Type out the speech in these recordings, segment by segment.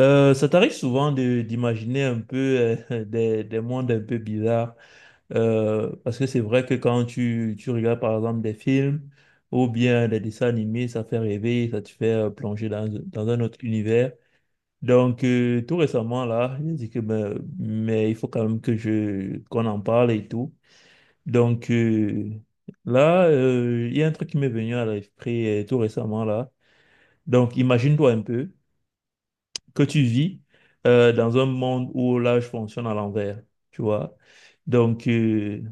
Ça t'arrive souvent d'imaginer un peu des mondes un peu bizarres, parce que c'est vrai que quand tu regardes par exemple des films ou bien des dessins animés, ça fait rêver, ça te fait plonger dans un autre univers. Donc, tout récemment là, j'ai dit que ben, mais il faut quand même que je qu'on en parle et tout. Donc, là, il y a un truc qui m'est venu à l'esprit, tout récemment là. Donc imagine-toi un peu que tu vis dans un monde où là, je fonctionne à l'envers, tu vois. Donc,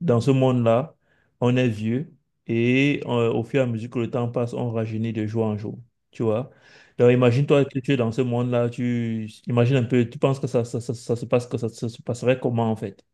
dans ce monde-là, on est vieux et au fur et à mesure que le temps passe, on rajeunit de jour en jour, tu vois. Donc, imagine-toi que tu es dans ce monde-là, tu imagines un peu, tu penses que ça se passe, que ça se passerait comment en fait?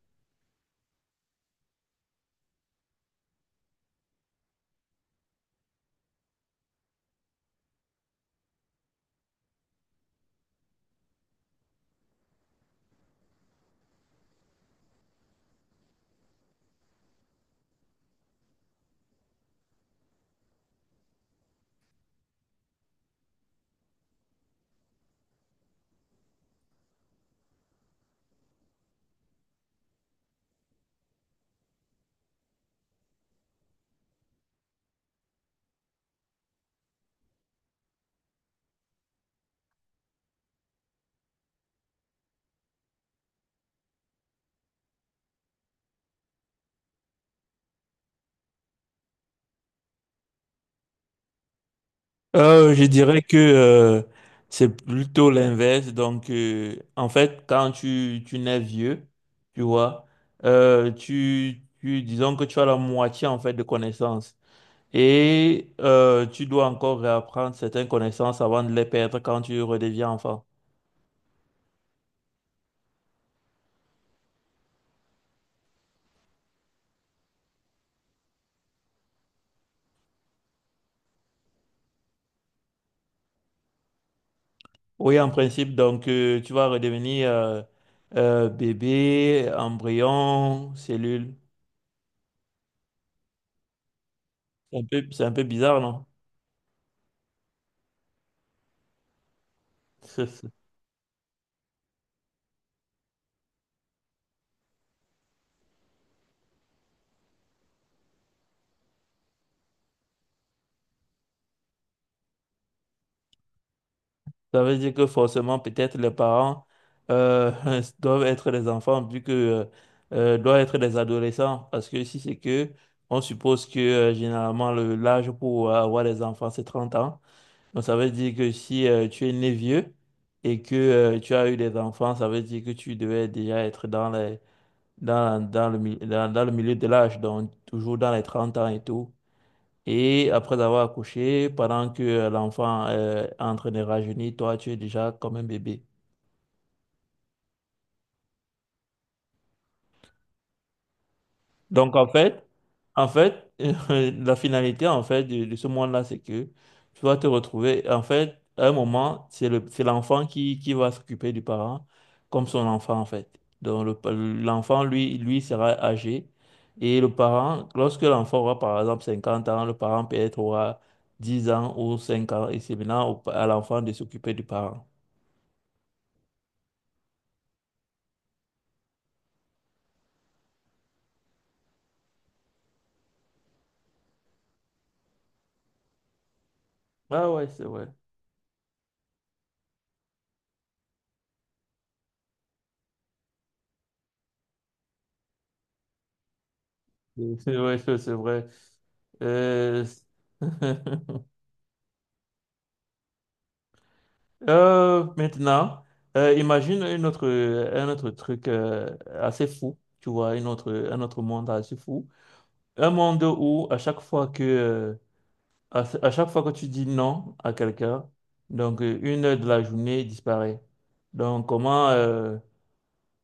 Je dirais que, c'est plutôt l'inverse. Donc, en fait, quand tu nais vieux, tu vois, disons que tu as la moitié en fait de connaissances et tu dois encore réapprendre certaines connaissances avant de les perdre quand tu redeviens enfant. Oui, en principe, donc tu vas redevenir, bébé, embryon, cellule. C'est un peu bizarre, non? Ça veut dire que forcément, peut-être les parents, euh, doivent être des enfants vu que, doivent être des adolescents. Parce que si c'est que, on suppose que, généralement le l'âge pour avoir des enfants, c'est 30 ans. Donc ça veut dire que si tu es né vieux et que tu as eu des enfants, ça veut dire que tu devais déjà être dans les, dans, dans le, mi- dans, dans le milieu de l'âge, donc toujours dans les 30 ans et tout. Et après avoir accouché, pendant que, l'enfant, est en train de rajeunir, toi, tu es déjà comme un bébé. Donc, en fait, la finalité, en fait, de ce monde-là, c'est que tu vas te retrouver, en fait, à un moment, c'est l'enfant qui va s'occuper du parent comme son enfant, en fait. Donc, l'enfant, lui sera âgé. Et le parent, lorsque l'enfant aura, par exemple, 50 ans, le parent peut-être aura 10 ans ou 5 ans, et c'est maintenant à l'enfant de s'occuper du parent. Ah ouais, c'est vrai. C'est vrai, c'est vrai. Euh, maintenant, imagine un autre truc, assez fou, tu vois, un autre monde assez fou. Un monde où à chaque fois que tu dis non à quelqu'un, donc, 1 heure de la journée disparaît. Donc, comment, euh,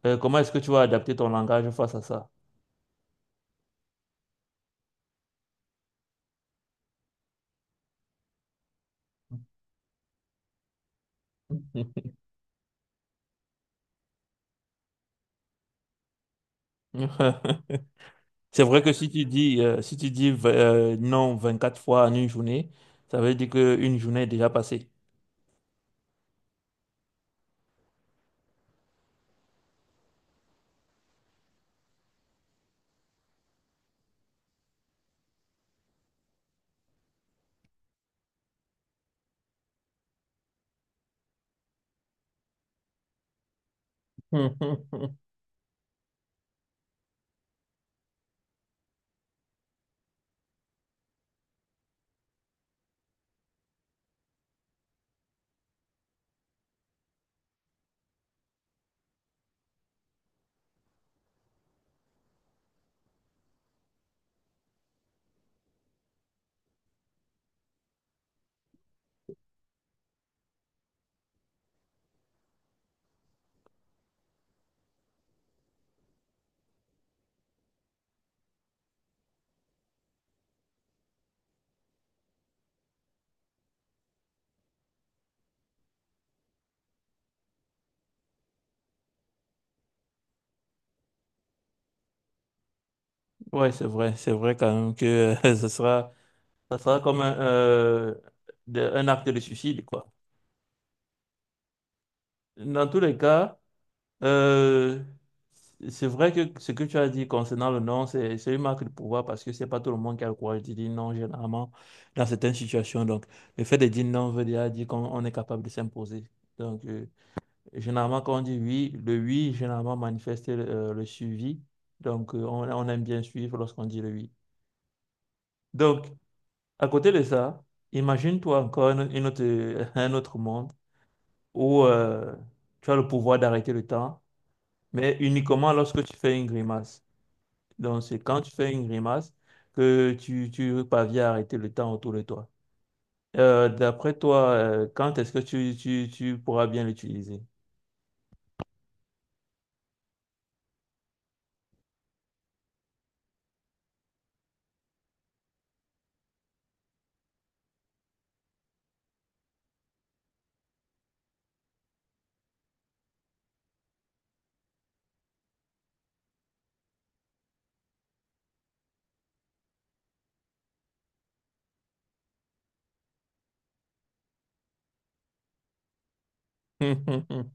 euh, comment est-ce que tu vas adapter ton langage face à ça? C'est vrai que si tu dis non quatre fois en une journée, ça veut dire qu'une journée est déjà passée. Ouais, c'est vrai quand même que ça sera comme un acte de suicide, quoi. Dans tous les cas, euh, c'est vrai que ce que tu as dit concernant le non, c'est une marque de pouvoir parce que c'est pas tout le monde qui a le courage de dire non, généralement, dans certaines situations. Donc, le fait de dire non veut déjà dire qu'on on est capable de s'imposer. Donc, généralement, quand on dit oui, le oui, généralement manifeste, le suivi. Donc, on aime bien suivre lorsqu'on dit le oui. Donc, à côté de ça, imagine-toi encore un autre monde où tu as le pouvoir d'arrêter le temps, mais uniquement lorsque tu fais une grimace. Donc, c'est quand tu fais une grimace que tu parviens à arrêter le temps autour de toi. D'après toi, quand est-ce que tu pourras bien l'utiliser?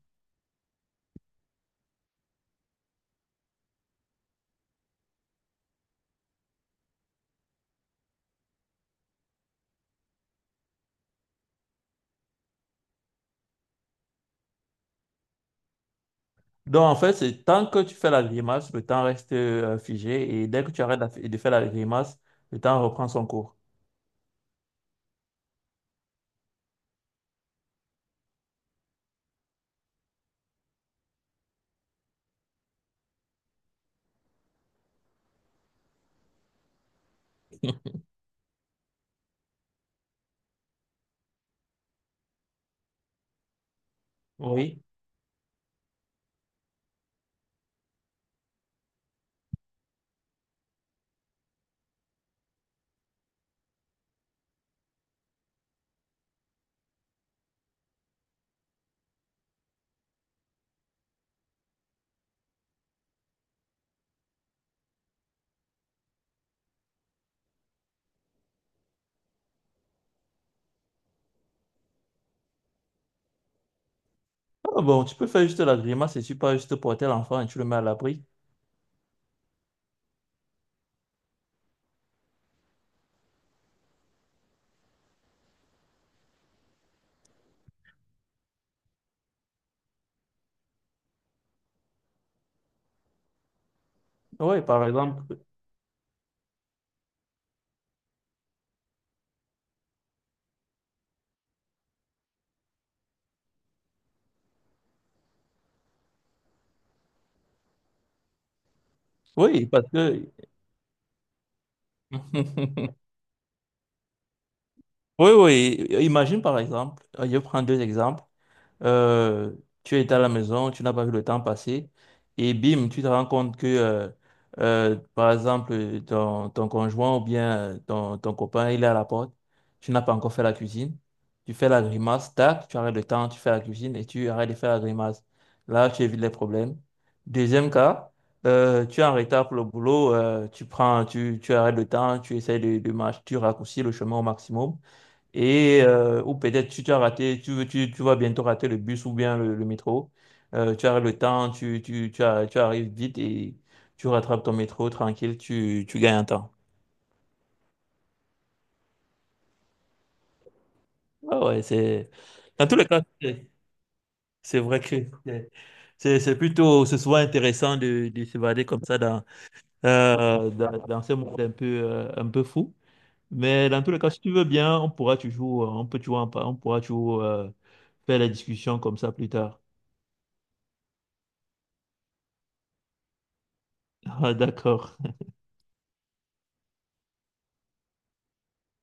Donc, en fait, c'est tant que tu fais la grimace, le temps reste, figé, et dès que tu arrêtes de faire la grimace, le temps reprend son cours. Oui. Ah bon, tu peux faire juste la grimace et tu peux juste porter l'enfant et tu le mets à l'abri. Oui, par exemple. Oui, parce que oui, oui. Imagine par exemple, je prends deux exemples. Euh, Tu es à la maison, tu n'as pas vu le temps passer, et bim, tu te rends compte que, par exemple, ton conjoint ou bien, ton copain, il est à la porte, tu n'as pas encore fait la cuisine, tu fais la grimace, tac, tu arrêtes le temps, tu fais la cuisine et tu arrêtes de faire la grimace. Là, tu évites les problèmes. Deuxième cas, tu es en retard pour le boulot, tu arrêtes le temps, tu essaies de marcher, tu raccourcis le chemin au maximum et, ou peut-être tu, tu as raté, tu, veux- tu vas bientôt rater le bus ou bien le métro. Tu as le temps, tu arrives vite et tu rattrapes ton métro tranquille, tu gagnes un temps. Ah ouais, Dans tous les cas, c'est vrai que c'est c'est souvent intéressant de s'évader comme ça dans ce monde un peu fou. Mais dans tous les cas, si tu veux bien, on pourra toujours, on peut toujours, en par- on pourra toujours, faire la discussion comme ça plus tard. Ah, d'accord.